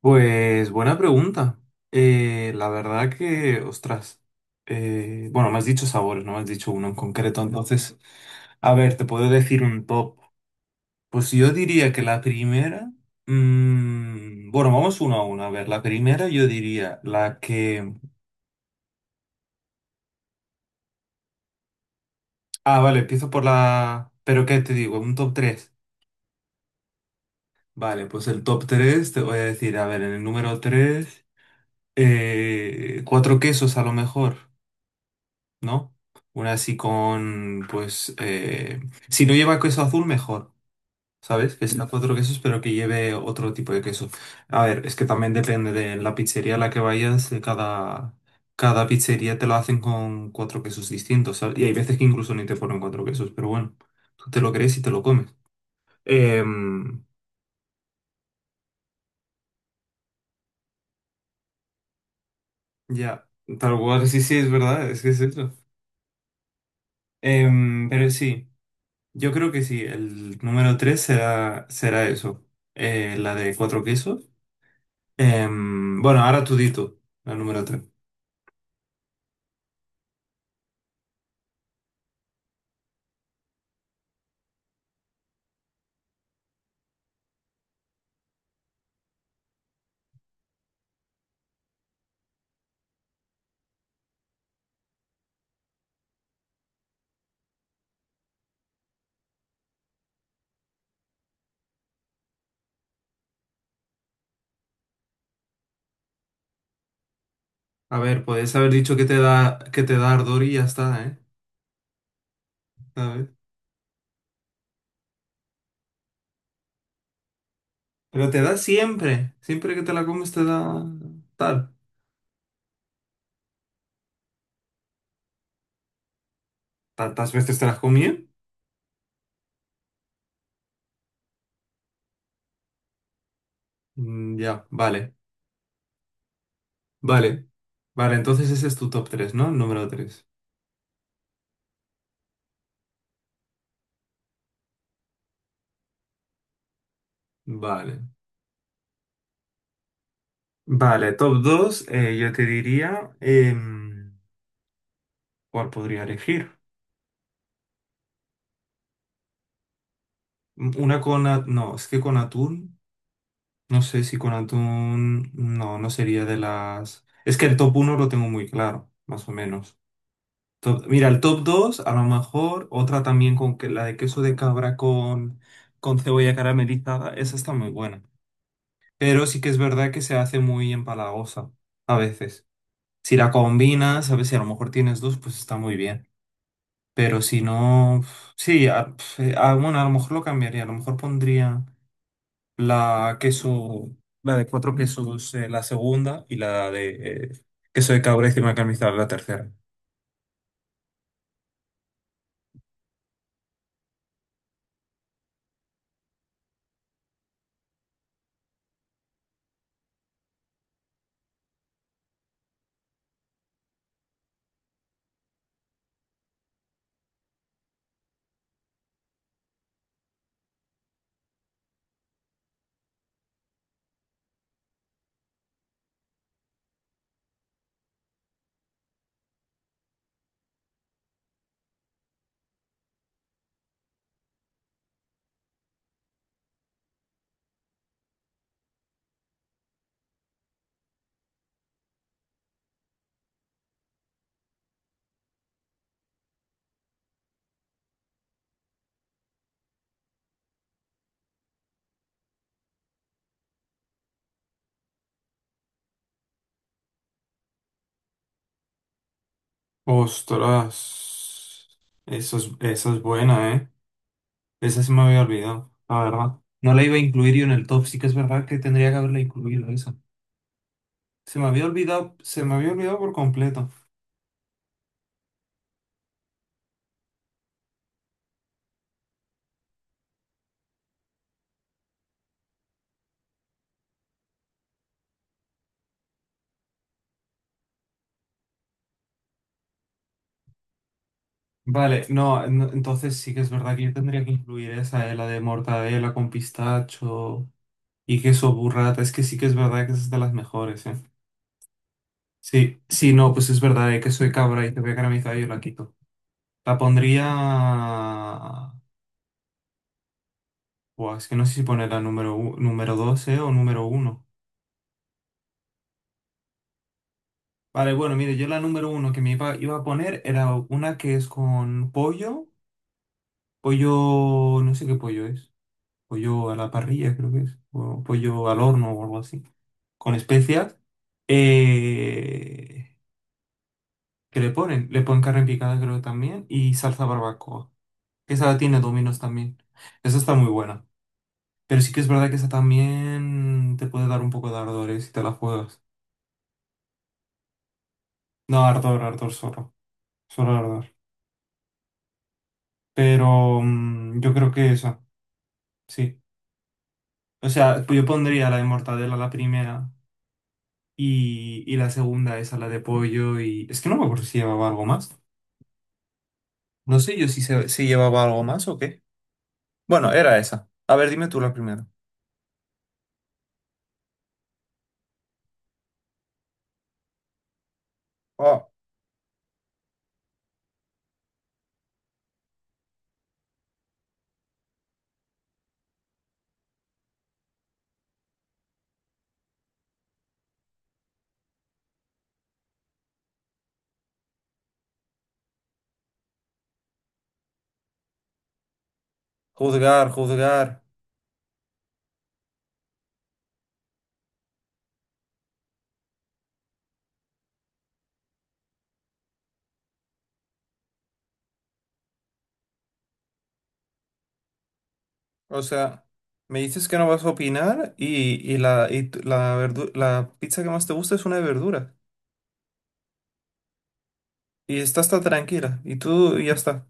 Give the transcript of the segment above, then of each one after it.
Pues buena pregunta. La verdad que, ostras, bueno, me has dicho sabores, no me has dicho uno en concreto. Entonces, a ver, te puedo decir un top. Pues yo diría que la primera, bueno, vamos uno a uno. A ver, la primera yo diría la que... Ah, vale, empiezo por la... Pero ¿qué te digo? Un top 3. Vale, pues el top 3 te voy a decir, a ver, en el número 3 cuatro quesos a lo mejor. ¿No? Una así con, pues, si no lleva queso azul, mejor, ¿sabes? Que sea cuatro quesos, pero que lleve otro tipo de queso. A ver, es que también depende de la pizzería a la que vayas, cada pizzería te lo hacen con cuatro quesos distintos, ¿sabes? Y hay veces que incluso ni te ponen cuatro quesos, pero bueno, tú te lo crees y te lo comes. Em, ya, tal cual, sí, sí, es verdad, es que es eso. Pero sí. Yo creo que sí, el número 3 será, será eso, la de cuatro quesos. Bueno, ahora tú di tú, la número tres. A ver, puedes haber dicho que te da ardor y ya está, ¿eh? ¿Sabes? Pero te da siempre, siempre que te la comes te da tal. ¿Tantas veces te las comí? Ya, vale, vale. Vale, entonces ese es tu top tres, ¿no? El número tres. Vale. Vale, top dos, yo te diría, ¿cuál podría elegir? Una con... No, es que con atún. No sé si con atún... No, no sería de las... Es que el top uno lo tengo muy claro, más o menos. Mira, el top 2 a lo mejor otra también con que la de queso de cabra con cebolla caramelizada. Esa está muy buena. Pero sí que es verdad que se hace muy empalagosa a veces. Si la combinas, a veces si a lo mejor tienes dos, pues está muy bien. Pero si no... sí, bueno, a lo mejor lo cambiaría. A lo mejor pondría... la queso, la de cuatro quesos, la segunda, y la de eh, queso de cabra y crema caramelizada, la tercera. Ostras, eso es, esa es buena, ¿eh? Esa se me había olvidado, la verdad. No la iba a incluir yo en el top, sí que es verdad que tendría que haberla incluido esa. Se me había olvidado, se me había olvidado por completo. Vale, no, no, entonces sí que es verdad que yo tendría que incluir esa, la de mortadela con pistacho y queso burrata. Es que sí que es verdad que esa es de las mejores, ¿eh? Sí, sí, no, pues es verdad, que soy cabra y te voy a caramizar y yo la quito. La pondría... Buah, es que no sé si poner la número, número 12 o número uno. Vale, bueno, mire, yo la número uno que me iba, iba a poner era una que es con pollo, pollo, no sé qué pollo es, pollo a la parrilla creo que es, o pollo al horno o algo así, con especias. Eh, ¿Qué le ponen? Le ponen carne picada creo que también y salsa barbacoa. Que esa tiene dominos también. Esa está muy buena. Pero sí que es verdad que esa también te puede dar un poco de ardor, ¿eh? Si te la juegas. No, ardor, ardor solo. Solo ardor. Pero yo creo que esa, sí. O sea, pues yo pondría la de mortadela la primera y la segunda esa, la de pollo y... Es que no me acuerdo si llevaba algo más. No sé yo si, si llevaba algo más o qué. Bueno, era esa. A ver, dime tú la primera. Oh, juzgar, juzgar. O sea, me dices que no vas a opinar y la, la, la pizza que más te gusta es una de verdura. Y está hasta tranquila. Y tú y ya está.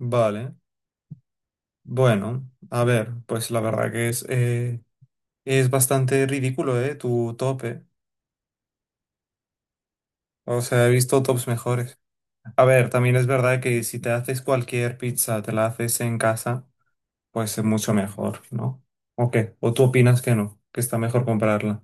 Vale. Bueno, a ver, pues la verdad que es bastante ridículo, ¿eh? Tu tope. O sea, he visto tops mejores. A ver, también es verdad que si te haces cualquier pizza, te la haces en casa, pues es mucho mejor, ¿no? ¿O qué? ¿O tú opinas que no? Que está mejor comprarla.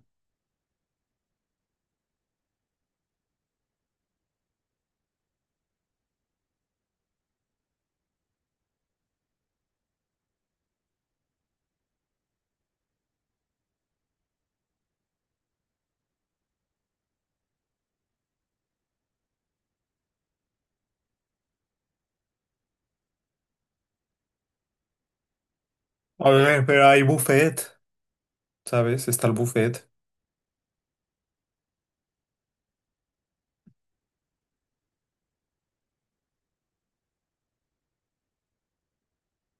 A ver, pero hay buffet, ¿sabes? Está el buffet.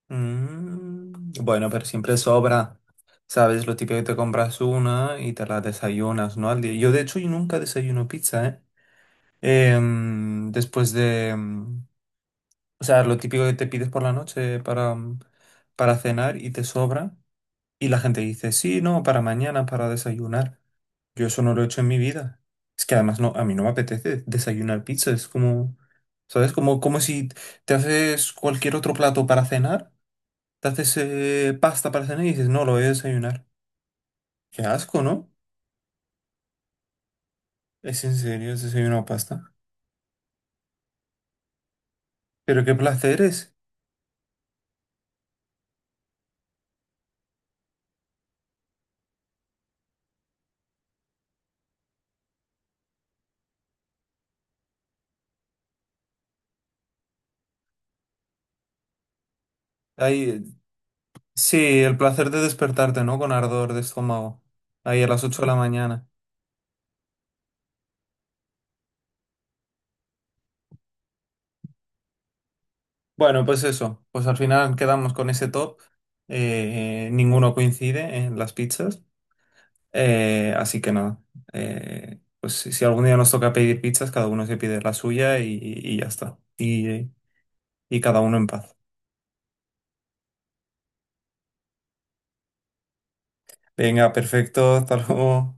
Bueno, pero siempre sobra. ¿Sabes? Lo típico que te compras una y te la desayunas, ¿no? Al día. Yo, de hecho, yo nunca desayuno pizza, ¿eh? Em, después de... em, O sea, lo típico que te pides por la noche para, para cenar y te sobra. Y la gente dice, sí, no, para mañana, para desayunar. Yo eso no lo he hecho en mi vida. Es que además no, a mí no me apetece desayunar pizza. Es como, ¿sabes? Como, como si te haces cualquier otro plato para cenar. Te haces pasta para cenar y dices, no, lo voy a desayunar. Qué asco, ¿no? Es en serio, has desayunado pasta. Pero qué placer es. Ay, sí, el placer de despertarte, ¿no? Con ardor de estómago. Ahí a las 8 de la mañana. Bueno, pues eso. Pues al final quedamos con ese top. Ninguno coincide en las pizzas. Así que nada. Pues si si algún día nos toca pedir pizzas, cada uno se pide la suya y ya está. Y cada uno en paz. Venga, perfecto. Hasta luego.